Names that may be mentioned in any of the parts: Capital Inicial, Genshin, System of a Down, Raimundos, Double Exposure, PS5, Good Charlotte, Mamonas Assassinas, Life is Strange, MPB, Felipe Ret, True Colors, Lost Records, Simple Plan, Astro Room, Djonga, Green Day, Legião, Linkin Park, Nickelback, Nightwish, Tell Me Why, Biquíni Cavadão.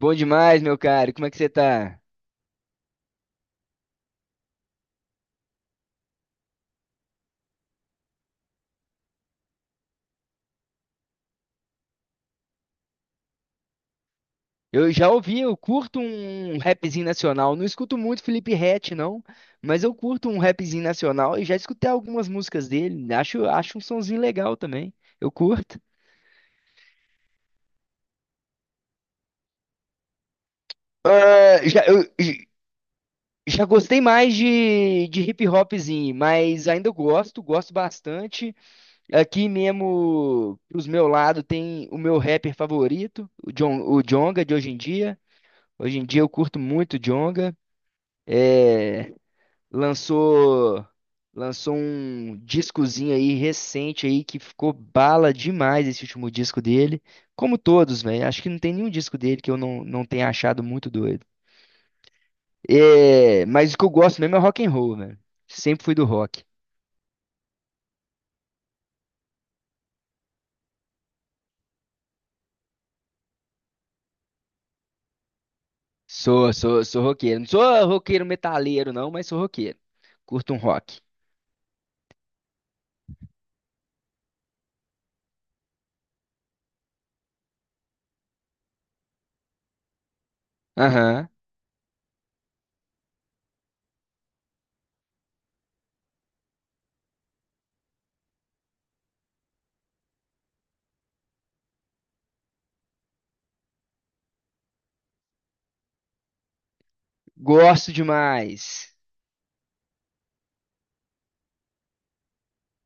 Bom demais, meu caro. Como é que você tá? Eu já ouvi, eu curto um rapzinho nacional. Não escuto muito Felipe Ret, não, mas eu curto um rapzinho nacional e já escutei algumas músicas dele. Acho um sonzinho legal também. Eu curto. Ah, já gostei mais de hip hopzinho, mas ainda gosto bastante. Aqui mesmo, pros meu lado, tem o meu rapper favorito, o Djonga de hoje em dia. Hoje em dia eu curto muito o Djonga. lançou lançou um discozinho aí recente aí que ficou bala demais esse último disco dele. Como todos, velho. Acho que não tem nenhum disco dele que eu não tenha achado muito doido. É, mas o que eu gosto mesmo é rock and roll, velho. Sempre fui do rock. Sou roqueiro. Não sou roqueiro metaleiro, não, mas sou roqueiro. Curto um rock. Aham. Gosto demais.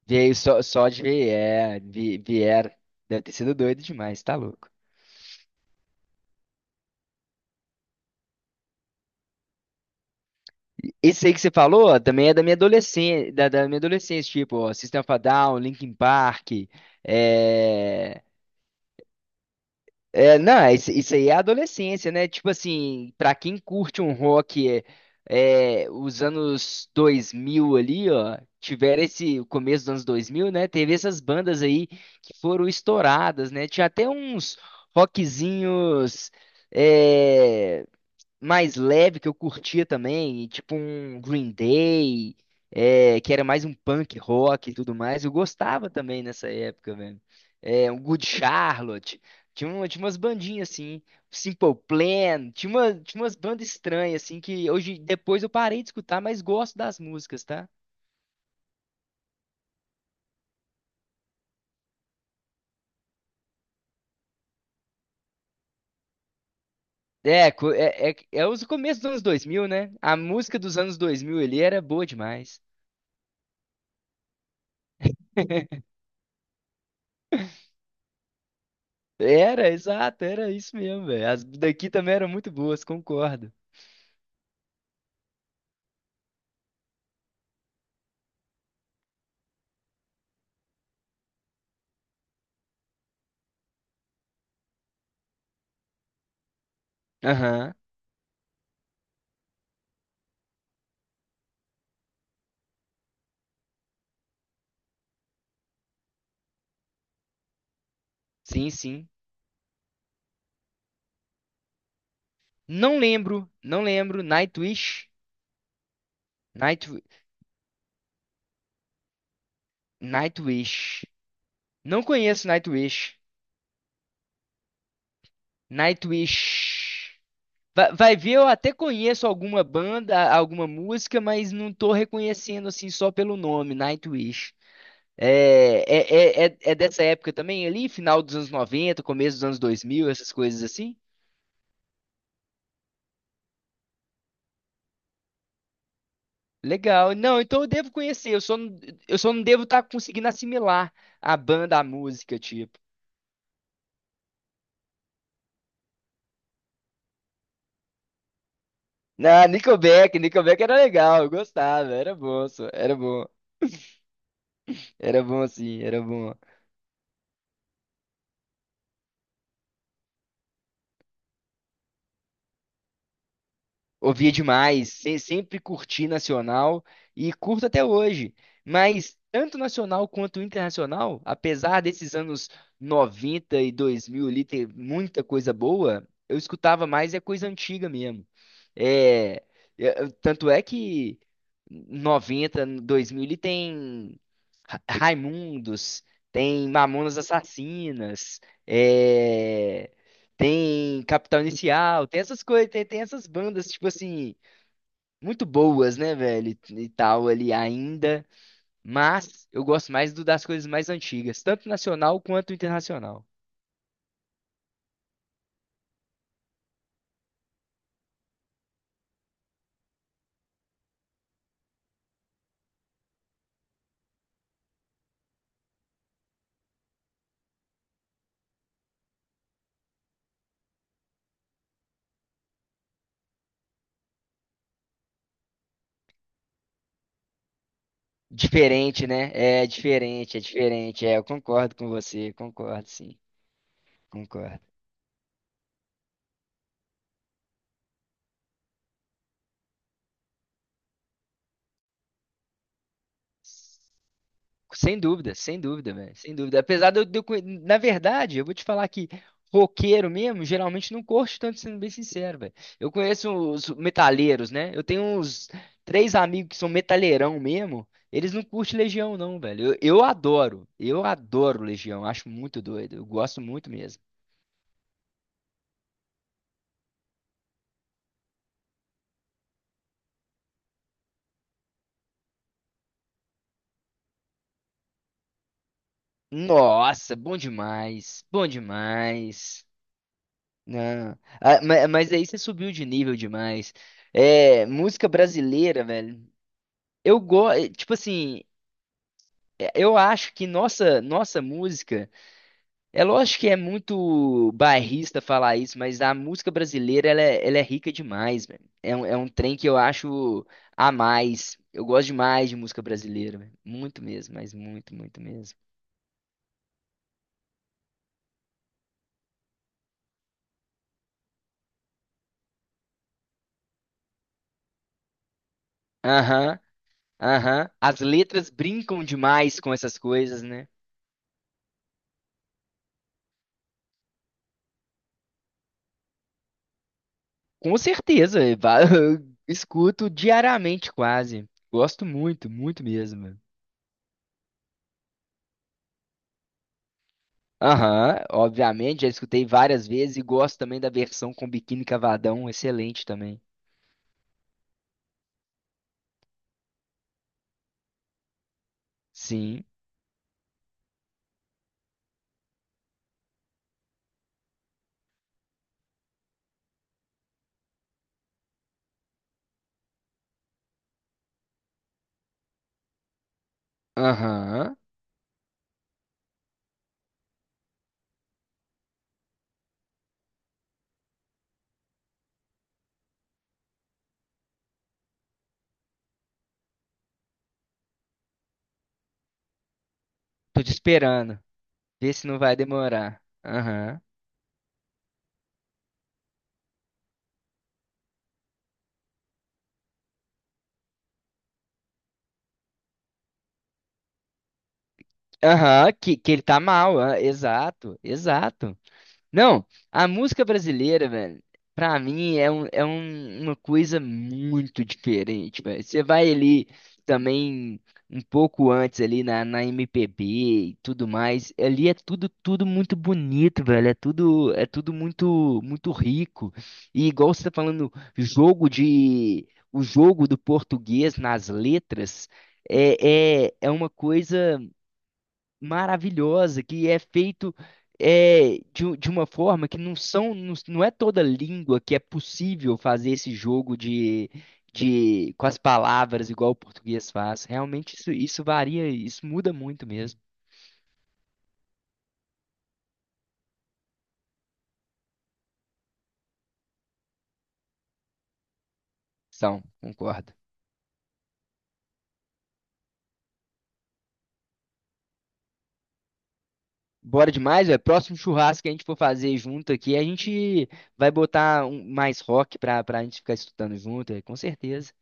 Veio só de ver, vieram. Deve ter sido doido demais, tá louco. Esse aí que você falou, ó, também é da minha adolescência, da minha adolescência, tipo, ó, System of a Down, Linkin Park, é... não, isso aí é a adolescência, né? Tipo assim, pra quem curte um rock os anos 2000 ali, ó, tiveram esse, o começo dos anos 2000, né? Teve essas bandas aí que foram estouradas, né? Tinha até uns rockzinhos, é, mais leve que eu curtia também, e tipo um Green Day, que era mais um punk rock e tudo mais. Eu gostava também nessa época, velho. É, um Good Charlotte, tinha umas bandinhas assim, Simple Plan, tinha umas bandas estranhas assim que hoje depois eu parei de escutar, mas gosto das músicas, tá? É, os começos dos anos 2000, né? A música dos anos 2000 ali era boa demais. Era, exato, era isso mesmo, velho. As daqui também eram muito boas, concordo. Aham. Sim, sim. Não lembro, não lembro. Nightwish? Night, Nightwish. Não conheço Nightwish. Nightwish. Vai, ver, eu até conheço alguma banda, alguma música, mas não tô reconhecendo assim só pelo nome, Nightwish. É dessa época também ali, final dos anos 90 começo dos anos 2000, essas coisas assim? Legal. Não, então eu devo conhecer. Eu só não devo estar conseguindo assimilar a banda, a música, tipo. Nickelback era legal, eu gostava, era bom, era bom assim, era bom. Ouvia demais, sempre curti nacional e curto até hoje. Mas tanto nacional quanto internacional, apesar desses anos 90 e 2000 ali ter muita coisa boa, eu escutava mais é coisa antiga mesmo. É, é, tanto é que 90 2000 ele tem Raimundos, tem Mamonas Assassinas, é, tem Capital Inicial, tem essas coisas, tem essas bandas, tipo assim, muito boas, né, velho? E tal ali ainda. Mas eu gosto mais das coisas mais antigas, tanto nacional quanto internacional. Diferente, né? É diferente, é diferente. É, eu concordo com você, concordo, sim. Concordo. Sem dúvida, sem dúvida, velho. Sem dúvida. Apesar de eu conhe- Na verdade, eu vou te falar que roqueiro mesmo, geralmente não curte tanto, sendo bem sincero, velho. Eu conheço os metaleiros, né? Eu tenho uns três amigos que são metaleirão mesmo. Eles não curtem Legião, não, velho. Eu adoro. Eu adoro Legião. Acho muito doido. Eu gosto muito mesmo. Nossa, bom demais. Bom demais. Não. Ah, mas aí você subiu de nível demais. É, música brasileira, velho. Eu gosto, tipo assim, eu acho que nossa música, é lógico que é muito bairrista falar isso, mas a música brasileira, ela é rica demais, velho. É um trem que eu acho a mais. Eu gosto demais de música brasileira, velho. Muito mesmo, mas muito, muito mesmo. Aham, aham. As letras brincam demais com essas coisas, né? Com certeza, eu escuto diariamente quase. Gosto muito, muito mesmo. Aham, obviamente, já escutei várias vezes e gosto também da versão com biquíni cavadão, excelente também. Sim, aham. Tô te esperando, vê se não vai demorar. Aham. Aham, que ele tá mal, ah, exato, exato. Não, a música brasileira, velho, pra mim é uma coisa muito diferente, velho. Você vai ali também um pouco antes ali na MPB e tudo mais, ali é tudo muito bonito, velho. É tudo muito muito rico. E igual você tá falando, jogo de o jogo do português nas letras é uma coisa maravilhosa, que é feito de uma forma que não são, não, não é toda língua que é possível fazer esse jogo de com as palavras igual o português faz. Realmente isso varia, isso muda muito mesmo. São, concordo. Bora demais, velho. Próximo churrasco que a gente for fazer junto aqui, a gente vai botar mais rock pra gente ficar escutando junto, é, com certeza.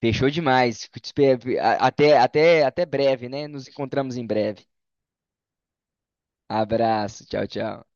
Fechou demais. Fico te espe- a- Até, até, até breve, né? Nos encontramos em breve. Abraço, tchau, tchau.